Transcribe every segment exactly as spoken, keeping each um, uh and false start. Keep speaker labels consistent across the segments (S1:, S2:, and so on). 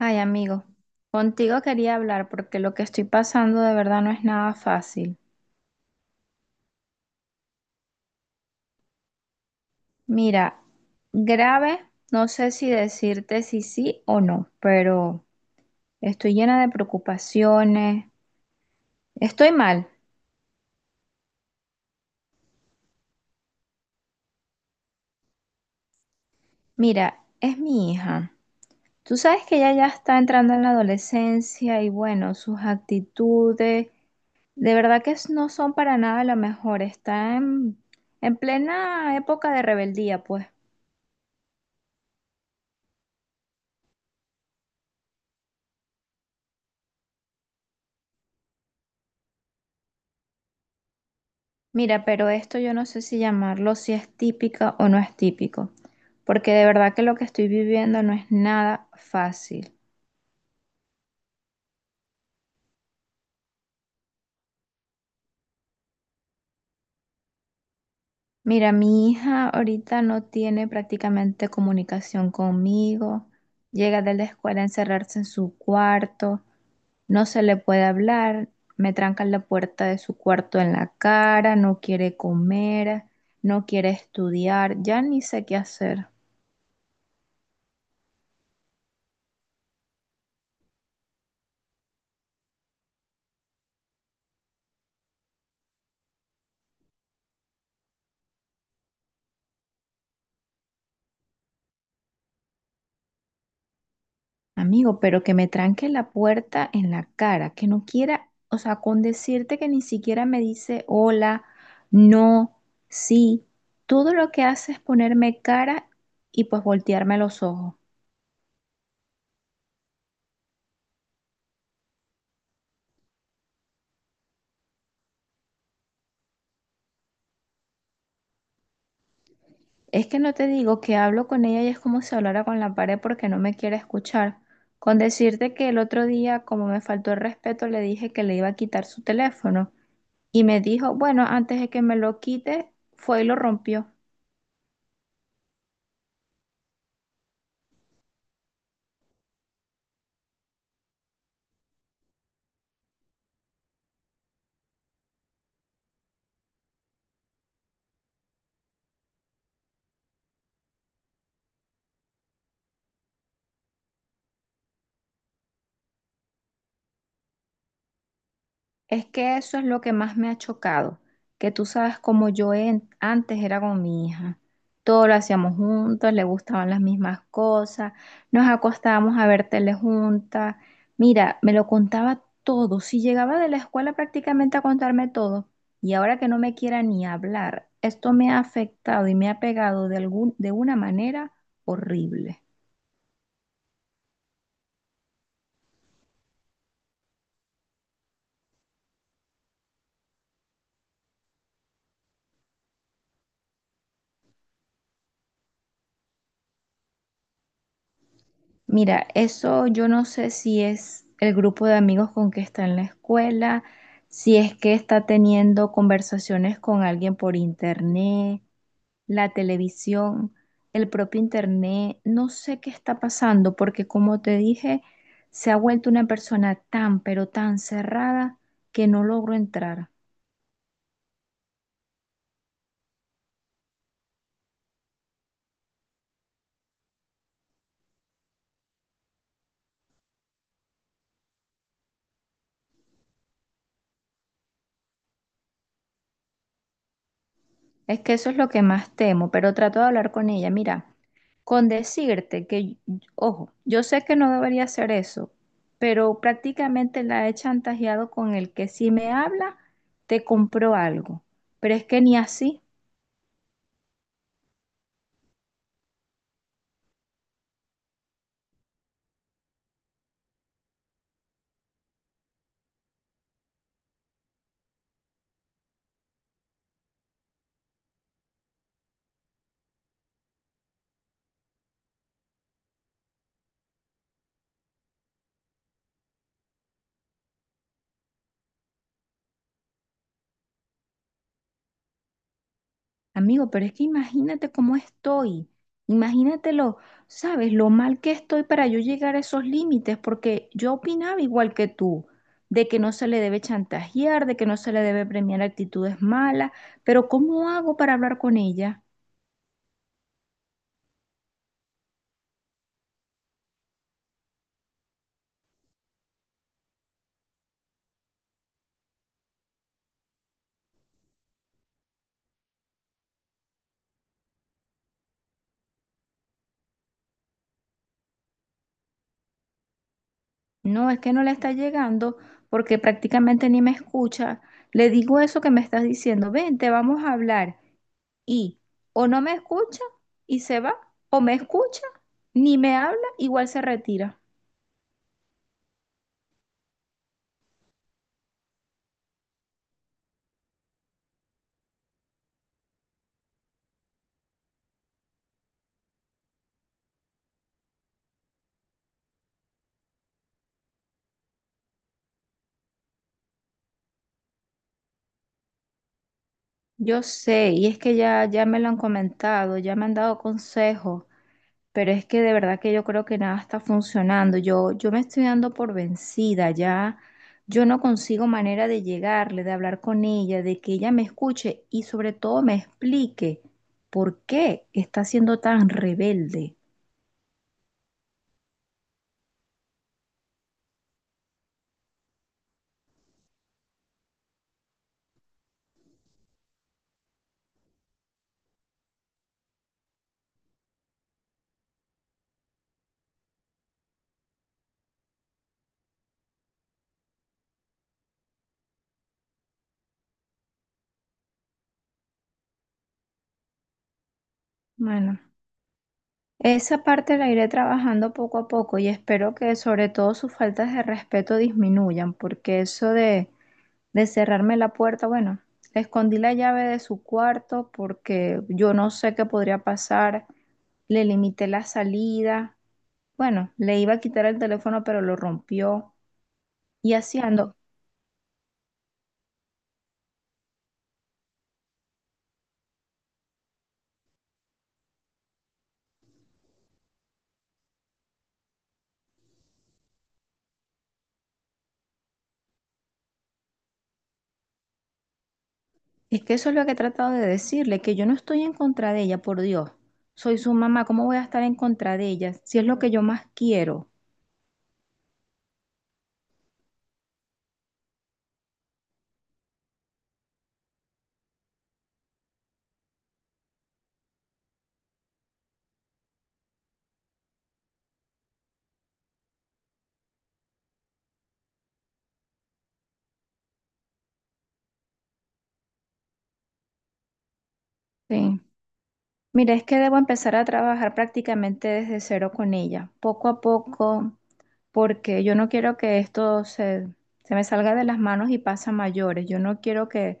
S1: Ay, amigo, contigo quería hablar porque lo que estoy pasando de verdad no es nada fácil. Mira, grave, no sé si decirte si sí o no, pero estoy llena de preocupaciones. Estoy mal. Mira, es mi hija. Tú sabes que ella ya está entrando en la adolescencia y bueno, sus actitudes de verdad que es- no son para nada lo mejor. Está en, en plena época de rebeldía, pues. Mira, pero esto yo no sé si llamarlo si es típica o no es típico, porque de verdad que lo que estoy viviendo no es nada fácil. Mira, mi hija ahorita no tiene prácticamente comunicación conmigo, llega de la escuela a encerrarse en su cuarto, no se le puede hablar, me trancan la puerta de su cuarto en la cara, no quiere comer, no quiere estudiar, ya ni sé qué hacer. Amigo, pero que me tranque la puerta en la cara, que no quiera, o sea, con decirte que ni siquiera me dice hola, no, sí, todo lo que hace es ponerme cara y pues voltearme los ojos. Es que no te digo que hablo con ella y es como si hablara con la pared porque no me quiere escuchar. Con decirte que el otro día, como me faltó el respeto, le dije que le iba a quitar su teléfono y me dijo, bueno, antes de que me lo quite, fue y lo rompió. Es que eso es lo que más me ha chocado, que tú sabes cómo yo en- antes era con mi hija. Todo lo hacíamos juntos, le gustaban las mismas cosas, nos acostábamos a ver tele juntas. Mira, me lo contaba todo, si llegaba de la escuela prácticamente a contarme todo. Y ahora que no me quiera ni hablar, esto me ha afectado y me ha pegado de algún, de una manera horrible. Mira, eso yo no sé si es el grupo de amigos con que está en la escuela, si es que está teniendo conversaciones con alguien por internet, la televisión, el propio internet, no sé qué está pasando, porque como te dije, se ha vuelto una persona tan, pero tan cerrada que no logro entrar. Es que eso es lo que más temo, pero trato de hablar con ella. Mira, con decirte que, ojo, yo sé que no debería hacer eso, pero prácticamente la he chantajeado con el que si me habla, te compro algo. Pero es que ni así. Amigo, pero es que imagínate cómo estoy, imagínate lo, sabes, lo mal que estoy para yo llegar a esos límites, porque yo opinaba igual que tú, de que no se le debe chantajear, de que no se le debe premiar actitudes malas, pero ¿cómo hago para hablar con ella? No, es que no le está llegando porque prácticamente ni me escucha. Le digo eso que me estás diciendo, vente, vamos a hablar. Y o no me escucha y se va, o me escucha, ni me habla, igual se retira. Yo sé, y es que ya, ya me lo han comentado, ya me han dado consejos, pero es que de verdad que yo creo que nada está funcionando. Yo, yo me estoy dando por vencida, ya yo no consigo manera de llegarle, de hablar con ella, de que ella me escuche y sobre todo me explique por qué está siendo tan rebelde. Bueno. Esa parte la iré trabajando poco a poco y espero que sobre todo sus faltas de respeto disminuyan, porque eso de, de cerrarme la puerta, bueno, le escondí la llave de su cuarto porque yo no sé qué podría pasar, le limité la salida, bueno, le iba a quitar el teléfono pero lo rompió y así ando. Es que eso es lo que he tratado de decirle, que yo no estoy en contra de ella, por Dios. Soy su mamá, ¿cómo voy a estar en contra de ella si es lo que yo más quiero? Sí. Mira, es que debo empezar a trabajar prácticamente desde cero con ella, poco a poco, porque yo no quiero que esto se, se me salga de las manos y pase a mayores. Yo no quiero que,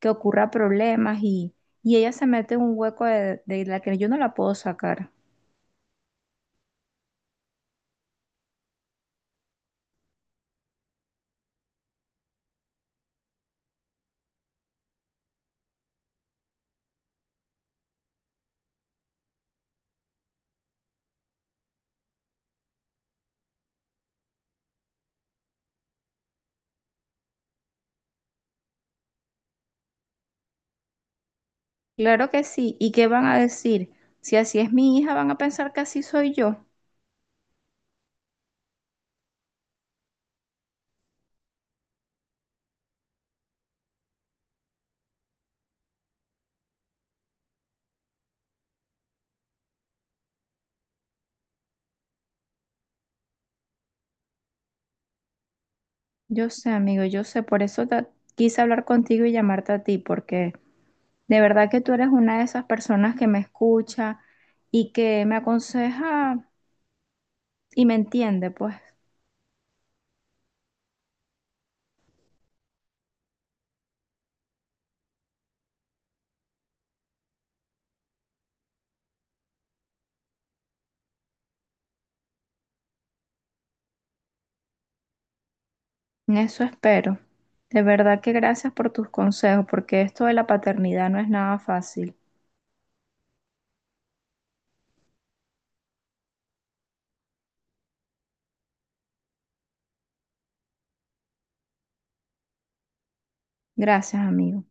S1: que ocurra problemas y, y ella se mete en un hueco de, de la que yo no la puedo sacar. Claro que sí. ¿Y qué van a decir? Si así es mi hija, van a pensar que así soy yo. Yo sé, amigo, yo sé. Por eso ta- quise hablar contigo y llamarte a ti, porque de verdad que tú eres una de esas personas que me escucha y que me aconseja y me entiende, pues. En eso espero. De verdad que gracias por tus consejos, porque esto de la paternidad no es nada fácil. Gracias, amigo.